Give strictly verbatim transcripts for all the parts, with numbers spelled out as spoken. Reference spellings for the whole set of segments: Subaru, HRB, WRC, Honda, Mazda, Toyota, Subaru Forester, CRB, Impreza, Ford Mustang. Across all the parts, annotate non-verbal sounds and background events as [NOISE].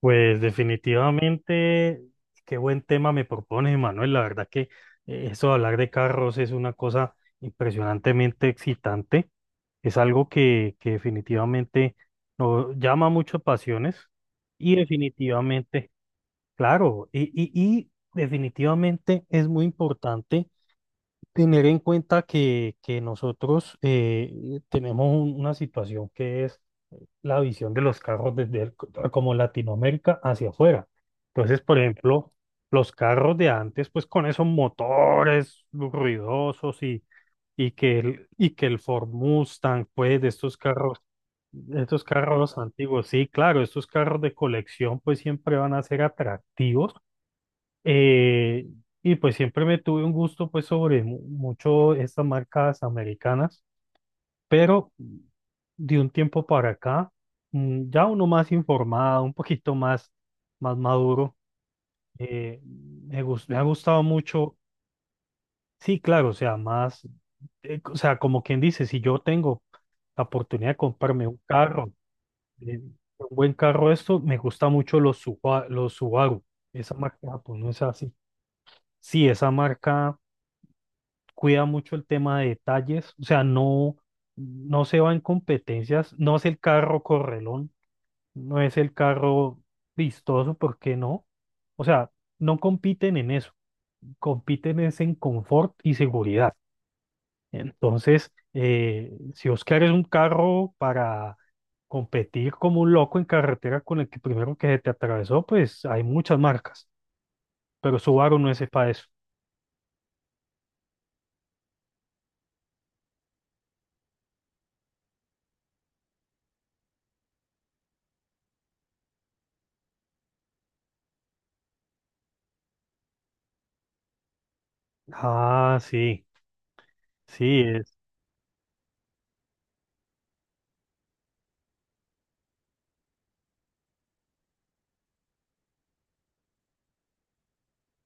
Pues definitivamente, qué buen tema me propones, Manuel. La verdad que eh, eso de hablar de carros es una cosa impresionantemente excitante. Es algo que, que definitivamente nos llama mucho pasiones y definitivamente, claro, y, y- y definitivamente es muy importante tener en cuenta que, que nosotros eh, tenemos un- una situación que es la visión de los carros desde el- como Latinoamérica hacia afuera. Entonces, por ejemplo, los carros de antes, pues con esos motores ruidosos y, y que el, y que el Ford Mustang, pues de estos carros, estos carros antiguos, sí, claro, estos carros de colección, pues siempre van a ser atractivos. Eh, y pues siempre me tuve un gusto, pues sobre mu- mucho estas marcas americanas, pero de un tiempo para acá, mm, ya uno más informado, un poquito más, más maduro, eh, me gus- me ha gustado mucho, sí, claro, o sea, más, eh, o sea, como quien dice, si yo tengo la oportunidad de comprarme un carro, eh, un buen carro, esto, me gusta mucho los, Suba- los Subaru, esa marca pues no es así. Sí, esa marca cuida mucho el tema de detalles, o sea, no, no se va en competencias, no es el carro correlón. No es el carro vistoso. ¿Por qué no? O sea, no compiten en eso, compiten es en confort y seguridad. Entonces, eh, si Oscar es un carro para competir como un loco en carretera con el que primero que se te atravesó, pues hay muchas marcas, pero Subaru no es para eso. Ah, sí, sí, es,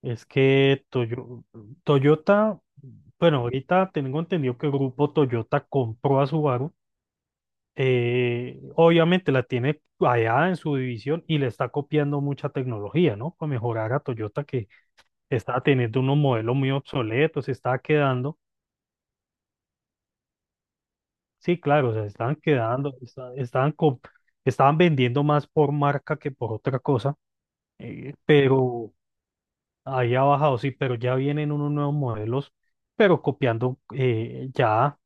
es que Toyo- Toyota, bueno, ahorita tengo entendido que el grupo Toyota compró a Subaru, eh, obviamente la tiene allá en su división y le está copiando mucha tecnología, ¿no? Para mejorar a Toyota que está teniendo unos modelos muy obsoletos, se está quedando, sí, claro, se están quedando, está- estaban, co- estaban vendiendo más por marca que por otra cosa, eh, pero ahí ha bajado, sí, pero ya vienen unos nuevos modelos, pero copiando eh, ya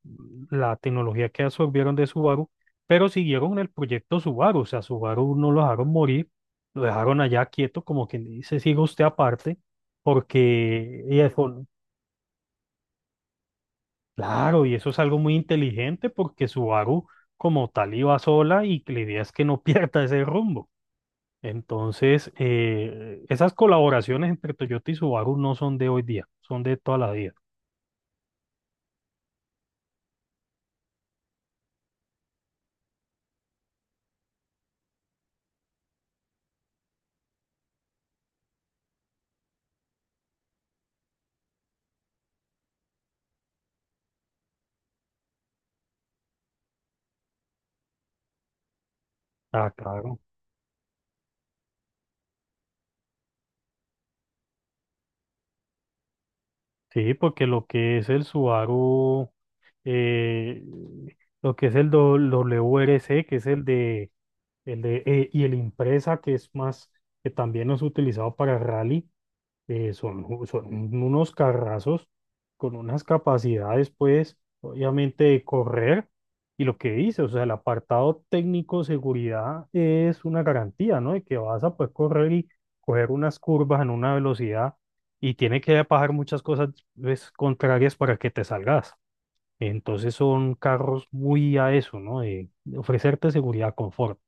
la tecnología que absorbieron de Subaru, pero siguieron en el proyecto Subaru, o sea, Subaru no lo dejaron morir, lo dejaron allá quieto, como quien dice, siga usted aparte, porque, y eso- claro, y eso es algo muy inteligente, porque Subaru como tal iba sola y la idea es que no [LAUGHS] pierda ese rumbo. Entonces, eh, esas colaboraciones entre Toyota y Subaru no son de hoy día, son de toda la vida. Ah, claro. Sí, porque lo que es el Subaru, eh, lo que es el do- W R C que es el de, el de, eh, y el Impreza, que es más, que también es utilizado para rally, eh, son, ju- son unos carrazos con unas capacidades, pues, obviamente de correr. Y lo que dice, o sea, el apartado técnico seguridad es una garantía, ¿no? De que vas a poder correr y coger unas curvas en una velocidad y tiene que pasar muchas cosas pues, contrarias para que te salgas. Entonces son carros muy a eso, ¿no? De, de ofrecerte seguridad, confort.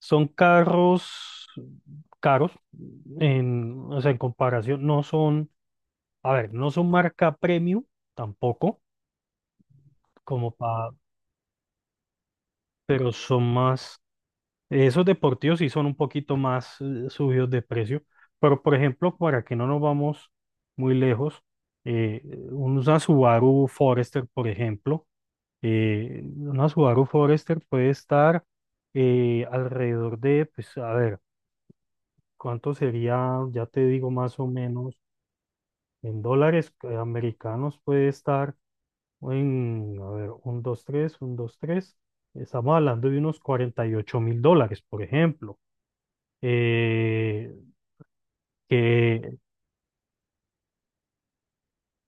Son carros caros, en, o sea, en comparación, no son, a ver, no son marca premium tampoco, como pa, pero son más, esos deportivos sí son un poquito más eh, subidos de precio, pero por ejemplo, para que no nos vamos muy lejos, eh, una Subaru Forester, por ejemplo, eh, una Subaru Forester puede estar eh, alrededor de, pues a ver, ¿cuánto sería? Ya te digo más o menos, en dólares eh, americanos puede estar. Uy, a ver, un, dos, tres, un, dos, tres. Estamos hablando de unos cuarenta y ocho mil dólares, por ejemplo. Eh, que,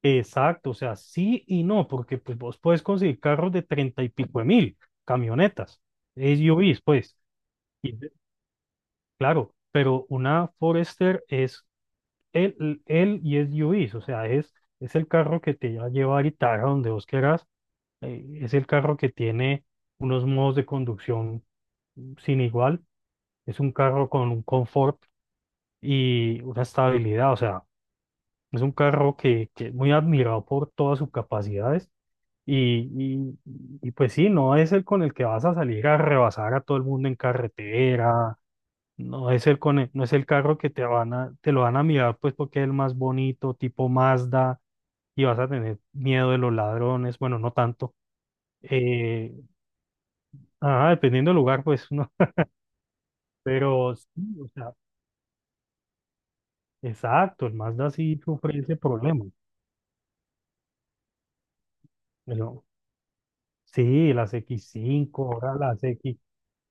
exacto, o sea, sí y no, porque pues vos puedes conseguir carros de treinta y pico de mil, camionetas, S U Vs, pues. Y, claro, pero una Forester es el, el y es S U Vs, o sea, es, es el carro que te va a llevar y te a donde vos quieras. Eh, es el carro que tiene unos modos de conducción sin igual. Es un carro con un confort y una estabilidad, o sea, es un carro que, que es muy admirado por todas sus capacidades y, y- y, pues sí, no es el con el que vas a salir a rebasar a todo el mundo en carretera, no es el con el- no es el carro que te van a, te lo van a mirar pues porque es el más bonito, tipo Mazda, y vas a tener miedo de los ladrones, bueno, no tanto, eh, ah, dependiendo del lugar pues no, [LAUGHS] pero sí, o sea, exacto, el Mazda sí sufre ese problema. Pero, sí, las X cinco, ahora las X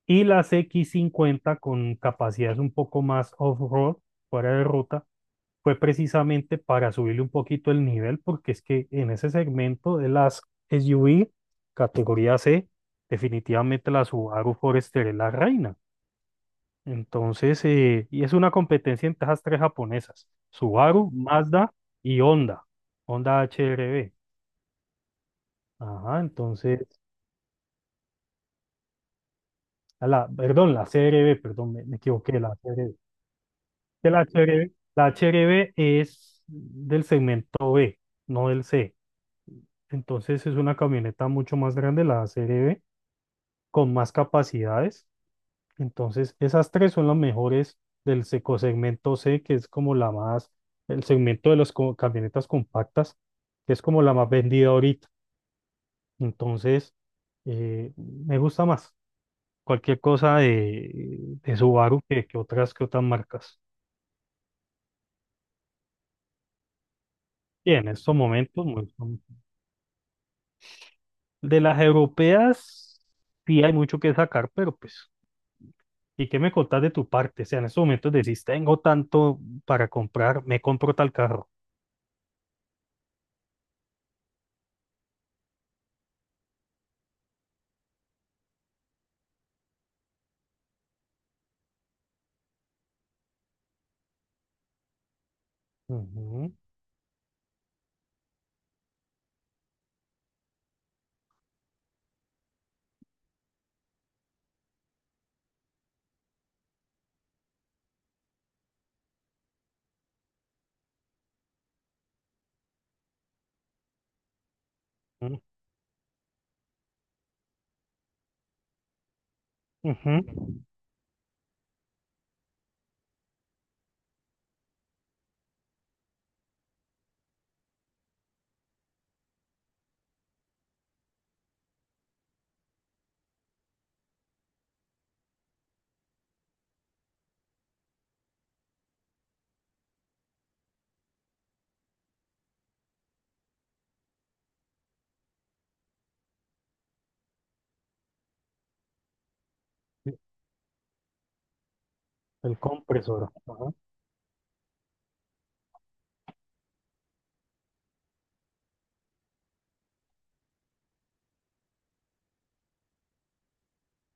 y las X cincuenta con capacidades un poco más off-road, fuera de ruta, fue precisamente para subirle un poquito el nivel, porque es que en ese segmento de las S U V, categoría C, definitivamente la Subaru Forester es la reina. Entonces, eh, y es una competencia entre esas tres japonesas, Subaru, Mazda y Honda, Honda, H R B. Ajá, entonces la, perdón, la C R B, perdón, me, me equivoqué, la C R B. Que La C R B, la C R B es del segmento B, no del C. Entonces es una camioneta mucho más grande, la C R B, con más capacidades. Entonces esas tres son las mejores del seco segmento C, que es como la más, el segmento de las co- camionetas compactas, que es como la más vendida ahorita. Entonces eh, me gusta más cualquier cosa de, de Subaru que, que otras que otras marcas. Y en estos momentos, muy- de las europeas, sí hay mucho que sacar, pero pues, ¿y qué me contás de tu parte? O sea, en estos momentos decís, tengo tanto para comprar, me compro tal carro. Ujú, ujú, ujú. El compresor. Ajá,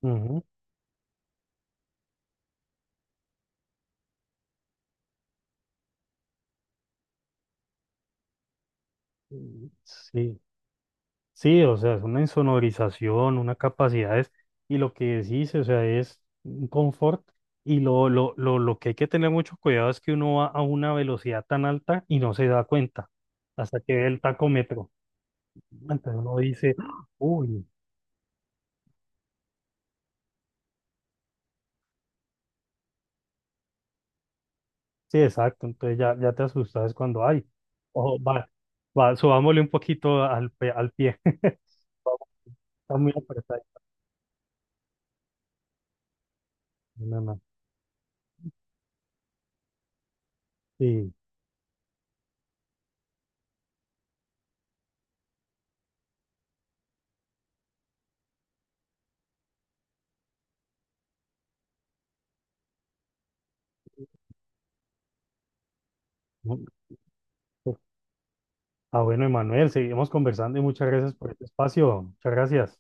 ujú. Sí, sí, o sea, es una insonorización, una capacidades, y lo que decís, o sea, es un confort, y lo, lo, lo, lo que hay que tener mucho cuidado es que uno va a una velocidad tan alta y no se da cuenta, hasta que ve el tacómetro. Entonces uno dice, ¡Ah! Uy, sí, exacto, entonces ya, ya te asustas cuando, ay, ojo, va, va, subámosle un poquito al, pe- al pie, [LAUGHS] está muy apretado. No, no, no. Sí, ah, bueno, Emanuel, seguimos conversando y muchas gracias por este espacio. Muchas gracias.